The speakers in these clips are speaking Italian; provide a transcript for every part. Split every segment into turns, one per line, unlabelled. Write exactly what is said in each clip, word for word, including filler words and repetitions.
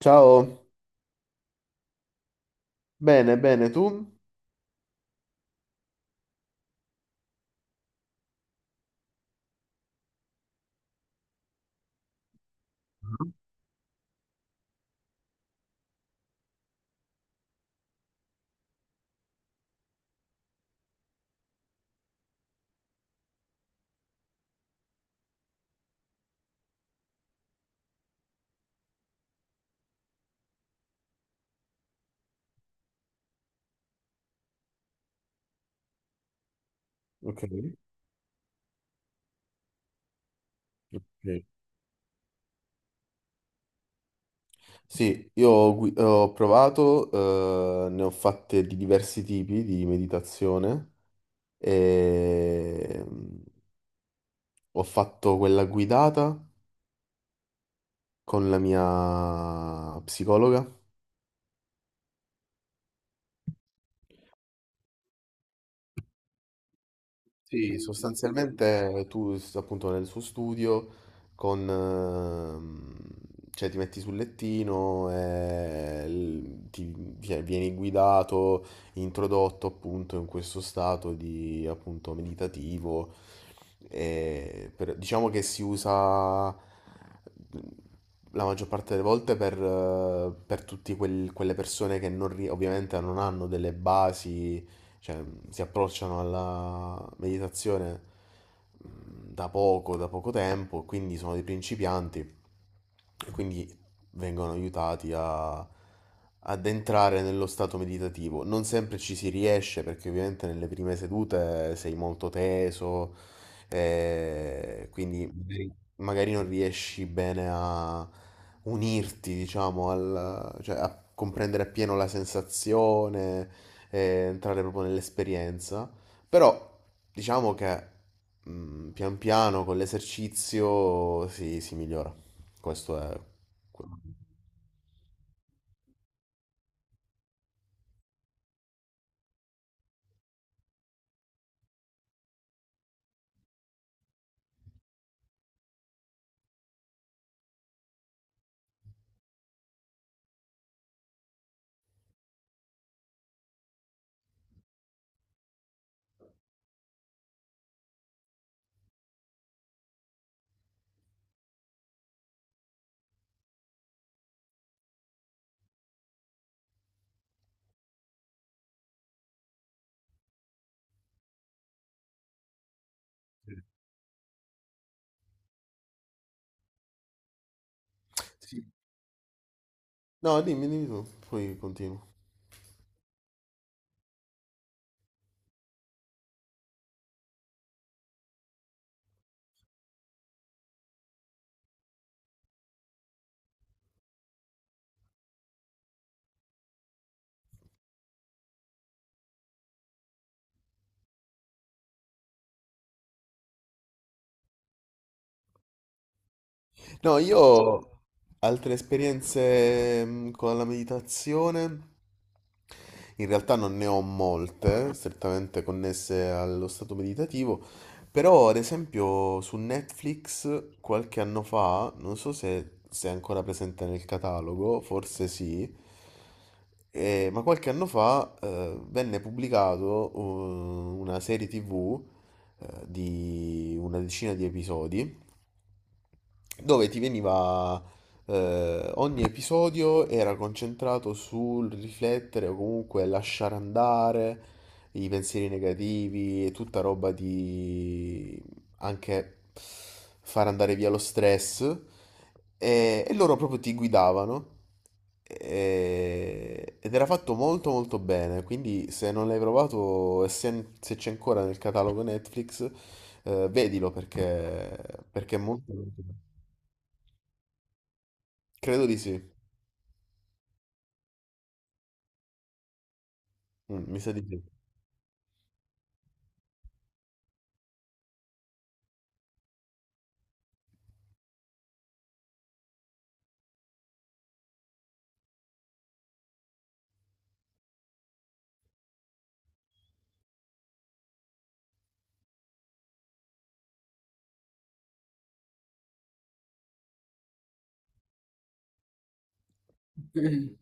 Ciao, bene, bene, tu? Ok, ok. Sì, io ho, gui- ho provato, eh, ne ho fatte di diversi tipi di meditazione e mm, ho fatto quella guidata con la mia psicologa. Sì, sostanzialmente tu s- appunto nel suo studio con, ehm, cioè ti metti sul lettino e l- ti cioè, vieni guidato, introdotto appunto in questo stato di appunto meditativo. E per- diciamo che si usa la maggior parte delle volte per, eh, per tutte quelle persone che non, ri- ovviamente non hanno delle basi, cioè, si approcciano alla meditazione mh, da poco, da poco tempo, quindi sono dei principianti e quindi vengono aiutati a, ad entrare nello stato meditativo. Non sempre ci si riesce perché ovviamente nelle prime sedute sei molto teso, eh, quindi magari magari non riesci bene a unirti, diciamo, al, cioè a comprendere appieno la sensazione, e entrare proprio nell'esperienza. Però diciamo che mm, pian piano con l'esercizio si, si migliora. Questo è... quello. Sì. No, dimmi, dimmi tu, poi continuo. No, io ho altre esperienze mm, con la meditazione. In realtà non ne ho molte, strettamente connesse allo stato meditativo, però ad esempio su Netflix qualche anno fa, non so se, se è ancora presente nel catalogo, forse sì, eh, ma qualche anno fa eh, venne pubblicato eh, una serie T V eh, di una decina di episodi dove ti veniva, eh, ogni episodio era concentrato sul riflettere o comunque lasciare andare i pensieri negativi e tutta roba di anche far andare via lo stress, e, e loro proprio ti guidavano e- ed era fatto molto molto bene, quindi se non l'hai provato e se, se c'è ancora nel catalogo Netflix, eh, vedilo perché, perché è molto... molto bello. Credo di sì. Mm, mi sa di sì. Mm.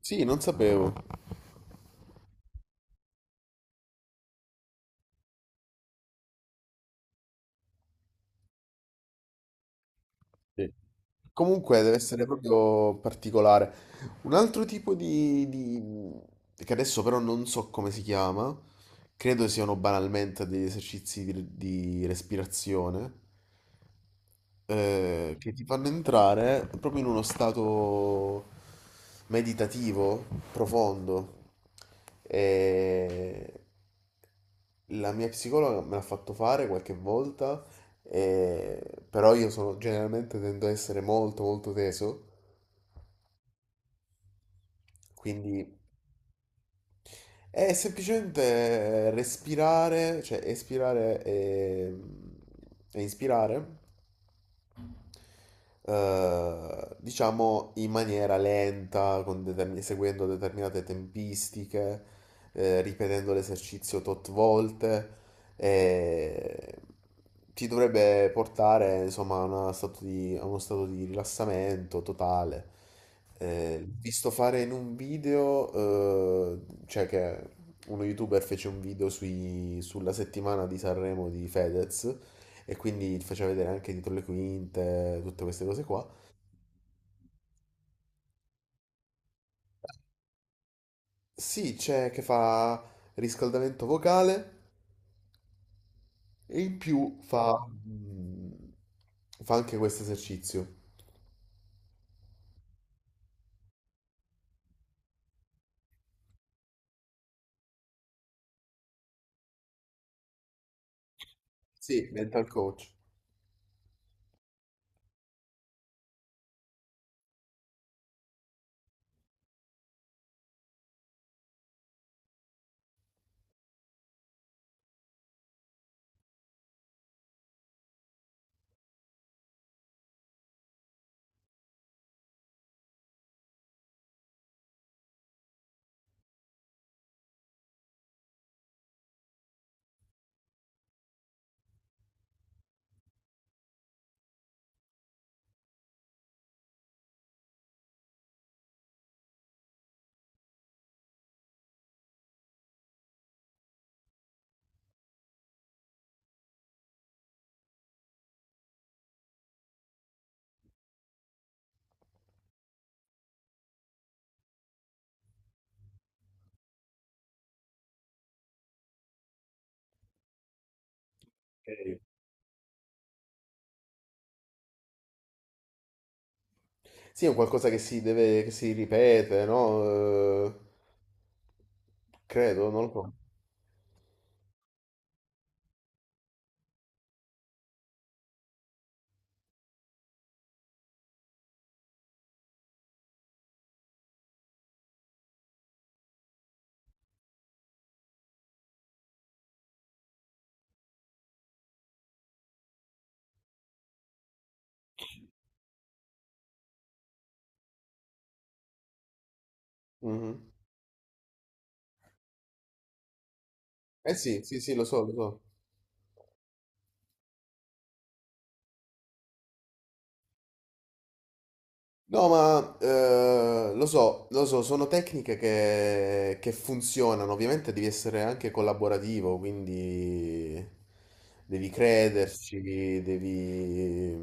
Sì, non sapevo. Sì. Comunque deve essere proprio particolare. Un altro tipo di, di- che adesso però non so come si chiama, credo siano banalmente degli esercizi di, di respirazione, eh, che ti fanno entrare proprio in uno stato meditativo profondo. E la mia psicologa me l'ha fatto fare qualche volta, e- però io sono, generalmente tendo a essere molto molto teso, quindi è semplicemente respirare, cioè espirare e, e inspirare, eh, diciamo in maniera lenta, con determin- seguendo determinate tempistiche, eh, ripetendo l'esercizio tot volte, e ti dovrebbe portare insomma a, una stato di- a uno stato di rilassamento totale. Eh, visto fare in un video, eh, cioè che uno youtuber fece un video sui- sulla settimana di Sanremo di Fedez, e quindi ti faceva vedere anche dietro le quinte, tutte queste cose qua. Sì, c'è che fa riscaldamento vocale e in più fa, mm, fa anche questo esercizio. Sì, mental coach. Ok. Sì, è un qualcosa che si deve, che si ripete, no? Eh, credo, non lo so. Mhm. Eh sì, sì, sì, lo so, lo so. No, ma eh, lo so, lo so, sono tecniche che, che funzionano. Ovviamente devi essere anche collaborativo, quindi devi crederci, devi,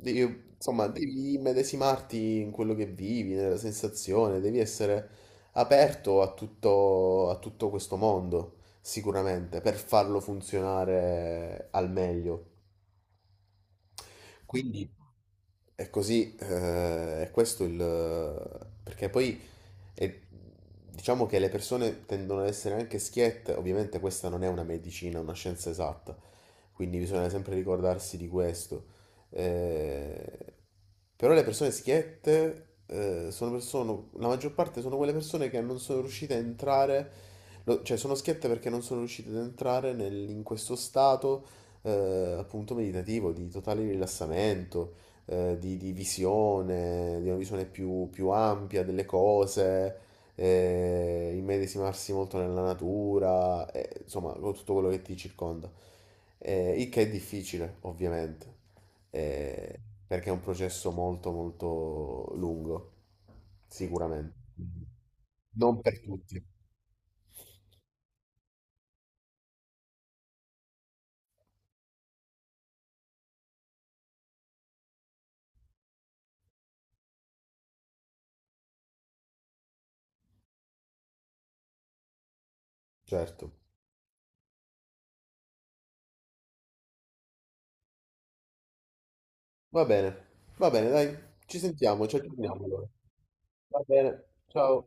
devi- insomma, devi immedesimarti in quello che vivi, nella sensazione, devi essere aperto a tutto, a tutto questo mondo, sicuramente, per farlo funzionare al meglio. Quindi è così, eh, è questo il... perché poi è- diciamo che le persone tendono ad essere anche schiette, ovviamente questa non è una medicina, una scienza esatta, quindi bisogna sempre ricordarsi di questo. Eh, però le persone schiette eh, sono persone, la maggior parte sono quelle persone che non sono riuscite a entrare, lo- cioè sono schiette perché non sono riuscite ad entrare nel- in questo stato, eh, appunto meditativo, di totale rilassamento, eh, di, di visione, di una visione più, più ampia delle cose, eh, immedesimarsi molto nella natura, eh, insomma, con tutto quello che ti circonda. Eh, il che è difficile, ovviamente, eh, perché è un processo molto, molto lungo, sicuramente. Non per tutti, certo. Va bene, va bene, dai, ci sentiamo, ci aggiorniamo allora. Va bene, ciao.